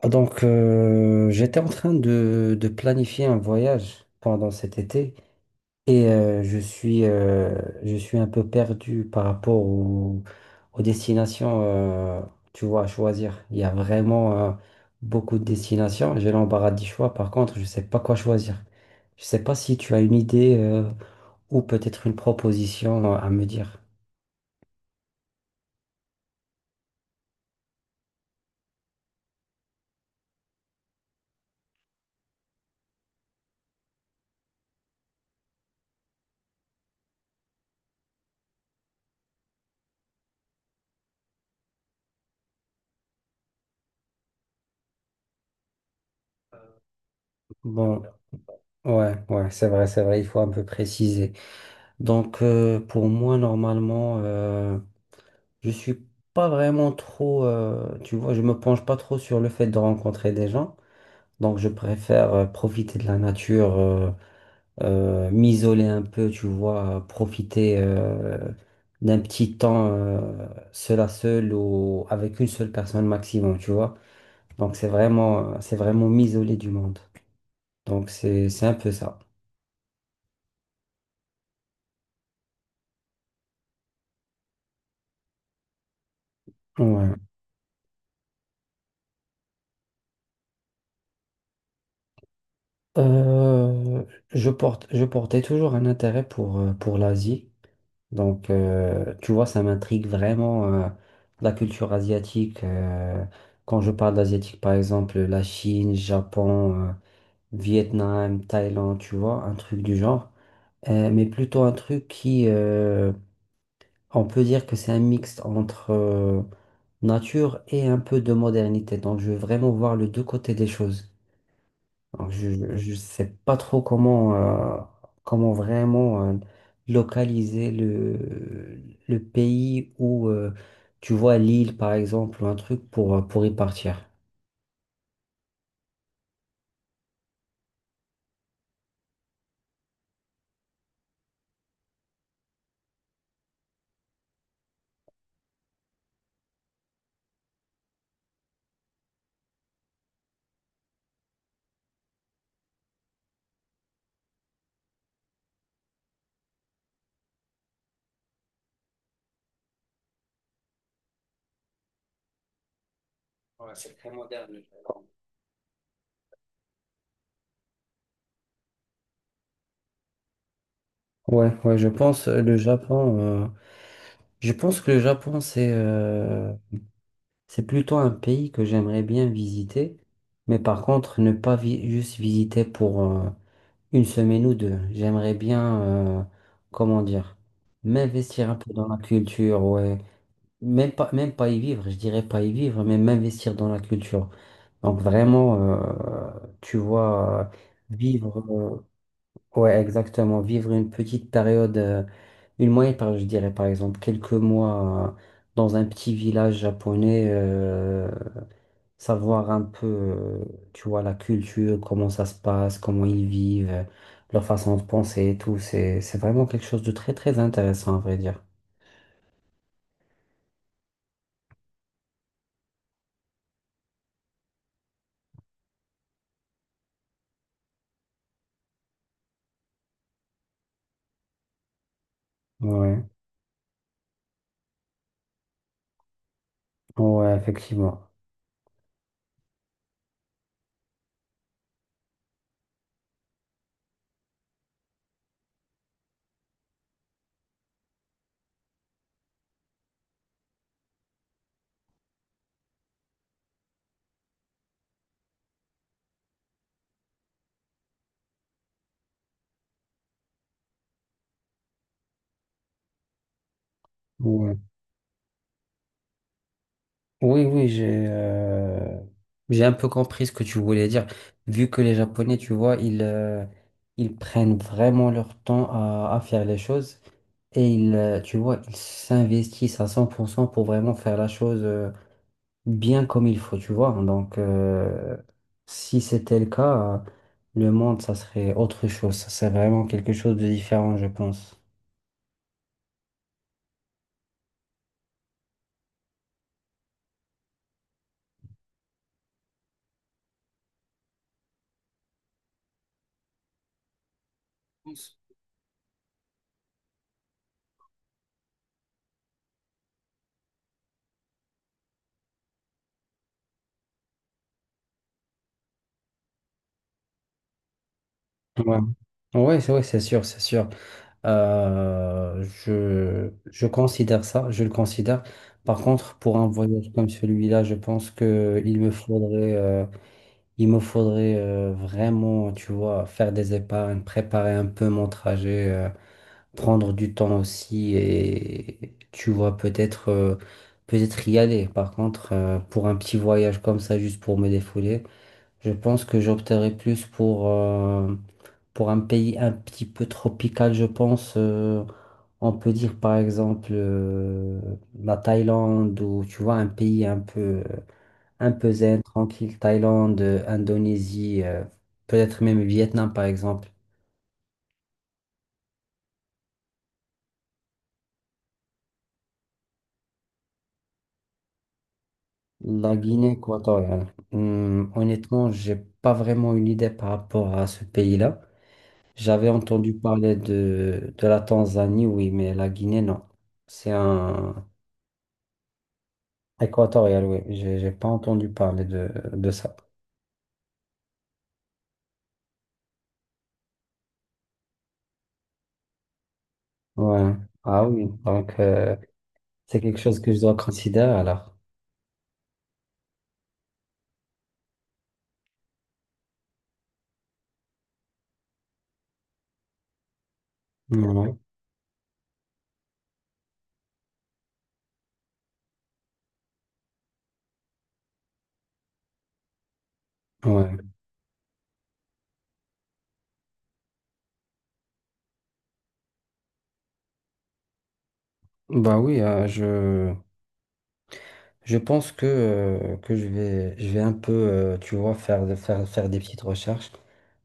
Ah, donc, j'étais en train de planifier un voyage pendant cet été et je suis un peu perdu par rapport aux destinations, tu vois, à choisir. Il y a vraiment beaucoup de destinations. J'ai l'embarras du choix. Par contre, je ne sais pas quoi choisir. Je ne sais pas si tu as une idée ou peut-être une proposition à me dire. Bon, ouais, ouais, c'est vrai, c'est vrai. Il faut un peu préciser. Donc, pour moi, normalement. Je suis pas vraiment trop, tu vois, je me penche pas trop sur le fait de rencontrer des gens. Donc, je préfère profiter de la nature, m'isoler un peu, tu vois, profiter d'un petit temps seul à seul ou avec une seule personne maximum, tu vois. Donc, c'est vraiment m'isoler du monde. Donc, c'est un peu ça. Ouais. Euh, je portais toujours un intérêt pour l'Asie. Donc, tu vois, ça m'intrigue vraiment la culture asiatique. Quand je parle d'asiatique, par exemple, la Chine, Japon, Vietnam, Thaïlande, tu vois, un truc du genre. Mais plutôt un truc qui, on peut dire que c'est un mix entre nature et un peu de modernité. Donc, je veux vraiment voir les deux côtés des choses. Alors, je ne sais pas trop comment, comment vraiment localiser le pays où tu vois l'île, par exemple, ou un truc pour y partir. Ouais, c'est très moderne. Le Japon. Ouais, ouais, je pense le Japon. Je pense que le Japon, c'est plutôt un pays que j'aimerais bien visiter, mais par contre, ne pas vi- juste visiter pour, une semaine ou deux. J'aimerais bien, comment dire, m'investir un peu dans la culture, ouais. Même pas y vivre, je dirais pas y vivre, mais m'investir dans la culture. Donc vraiment, tu vois, vivre, ouais, exactement, vivre une petite période, une moyenne période, je dirais par exemple, quelques mois, dans un petit village japonais, savoir un peu, tu vois, la culture, comment ça se passe, comment ils vivent, leur façon de penser et tout. C'est vraiment quelque chose de très, très intéressant, à vrai dire. Ouais, ouais, effectivement. Ouais. Oui, oui, j'ai un peu compris ce que tu voulais dire. Vu que les Japonais, tu vois, ils prennent vraiment leur temps à faire les choses et ils, tu vois, ils s'investissent à 100% pour cent pour vraiment faire la chose. Bien comme il faut, tu vois. Donc, si c'était le cas, le monde, ça serait autre chose. Ça serait vraiment quelque chose de différent, je pense. pense. Ouais, ouais, c'est sûr, c'est sûr. Je considère ça, je le considère. Par contre, pour un voyage comme celui-là, je pense que il me faudrait vraiment, tu vois, faire des épargnes, préparer un peu mon trajet. Prendre du temps aussi et tu vois peut-être y aller. Par contre, pour un petit voyage comme ça, juste pour me défouler, je pense que j'opterais plus pour un pays un petit peu tropical, je pense. On peut dire par exemple la Thaïlande ou tu vois un pays un peu zen, tranquille, Thaïlande, Indonésie, peut-être même Vietnam par exemple. La Guinée équatoriale. Honnêtement, j'ai pas vraiment une idée par rapport à ce pays-là. J'avais entendu parler de la Tanzanie, oui, mais la Guinée, non. C'est un équatorial, oui. J'ai pas entendu parler de ça. Ouais. Ah oui, donc c'est quelque chose que je dois considérer alors. Ouais. Ouais. Bah oui, je pense que je vais un peu, tu vois, faire des petites recherches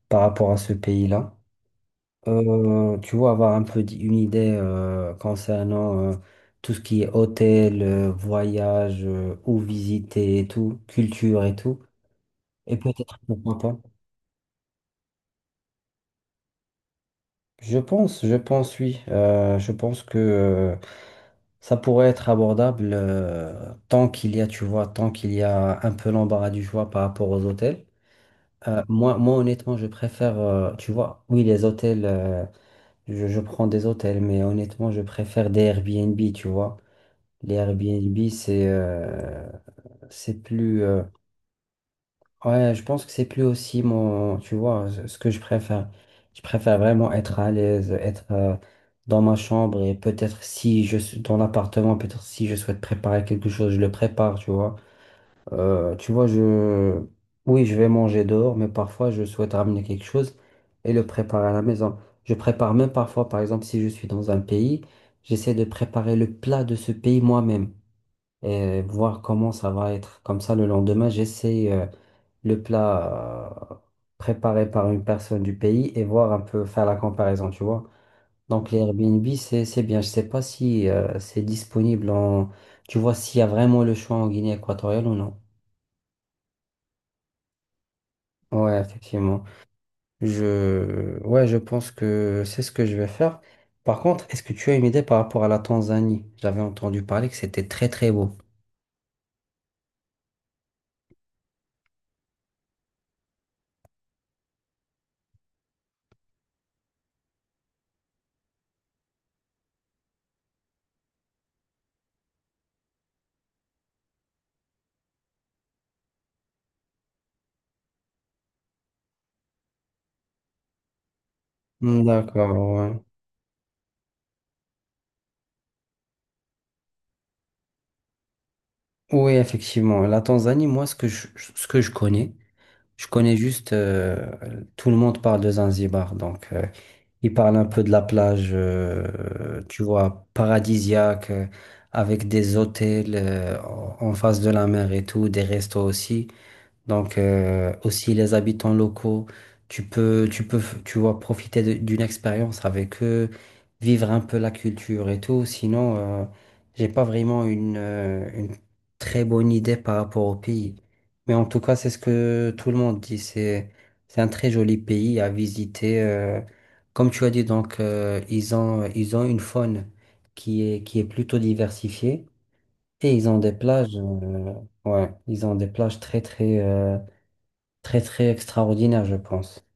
par rapport à ce pays-là. Tu vois, avoir un peu une idée concernant tout ce qui est hôtel, voyage, où visiter et tout, culture et tout. Et peut-être, pourquoi pas. Je pense, oui. Je pense que ça pourrait être abordable tant qu'il y a, tu vois, tant qu'il y a un peu l'embarras du choix par rapport aux hôtels. Moi, honnêtement, je préfère, tu vois, oui, les hôtels, je prends des hôtels, mais honnêtement, je préfère des Airbnb, tu vois. Les Airbnb, c'est plus. Ouais, je pense que c'est plus aussi mon. Tu vois, ce que je préfère. Je préfère vraiment être à l'aise, être dans ma chambre et peut-être si je suis dans l'appartement, peut-être si je souhaite préparer quelque chose, je le prépare, tu vois. Tu vois, je. Oui, je vais manger dehors, mais parfois je souhaite ramener quelque chose et le préparer à la maison. Je prépare même parfois, par exemple, si je suis dans un pays, j'essaie de préparer le plat de ce pays moi-même et voir comment ça va être. Comme ça, le lendemain, j'essaie le plat préparé par une personne du pays et voir un peu faire la comparaison, tu vois. Donc, les Airbnb, c'est bien. Je sais pas si c'est disponible en... Tu vois, s'il y a vraiment le choix en Guinée équatoriale ou non. Ouais, effectivement. Je... Ouais, je pense que c'est ce que je vais faire. Par contre, est-ce que tu as une idée par rapport à la Tanzanie? J'avais entendu parler que c'était très très beau. Hmm, d'accord, ouais. Oui, effectivement. La Tanzanie, moi, ce que je connais juste, tout le monde parle de Zanzibar. Donc, ils parlent un peu de la plage, tu vois, paradisiaque, avec des hôtels, en face de la mer et tout, des restos aussi. Donc aussi les habitants locaux, tu peux, tu vois, profiter d'une expérience avec eux, vivre un peu la culture et tout. Sinon, j'ai pas vraiment une très bonne idée par rapport au pays. Mais en tout cas, c'est ce que tout le monde dit. C'est un très joli pays à visiter. Comme tu as dit, donc ils ont une faune qui est plutôt diversifiée et ils ont des plages, ouais, ils ont des plages très très. Très, très extraordinaire, je pense.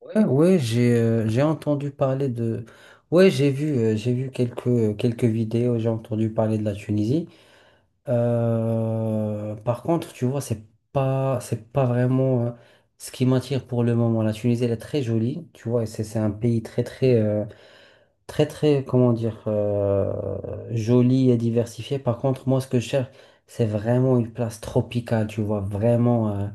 Ouais, ouais, j'ai entendu parler de... Ouais, j'ai vu quelques vidéos, j'ai entendu parler de la Tunisie. Par contre, tu vois, c'est pas vraiment ce qui m'attire pour le moment. La Tunisie, elle est très jolie, tu vois, et c'est un pays très, très, très, très, comment dire, joli et diversifié. Par contre, moi, ce que je cherche, c'est vraiment une place tropicale, tu vois, vraiment, euh,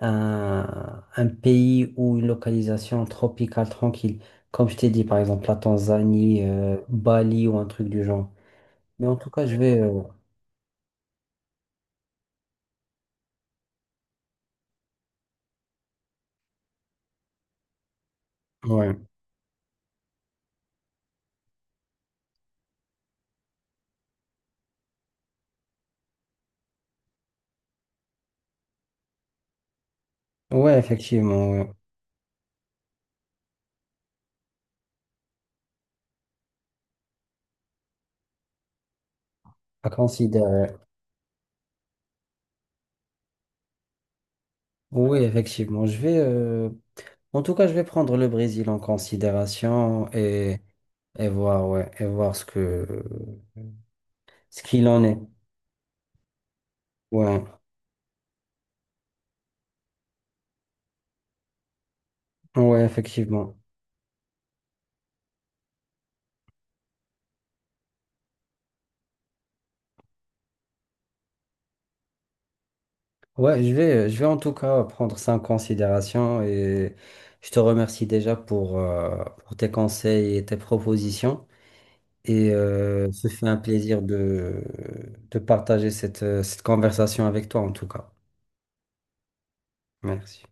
un, un pays ou une localisation tropicale tranquille. Comme je t'ai dit, par exemple, la Tanzanie, Bali ou un truc du genre. Mais en tout cas, je vais... ouais. Ouais, effectivement, ouais. À considérer. Oui, effectivement. Je vais... En tout cas, je vais prendre le Brésil en considération et voir, ouais, et voir ce que, ce qu'il en est. Ouais, ouais, effectivement. Ouais, je vais en tout cas prendre ça en considération et je te remercie déjà pour tes conseils et tes propositions. Et ce fut un plaisir de partager cette conversation avec toi en tout cas. Merci.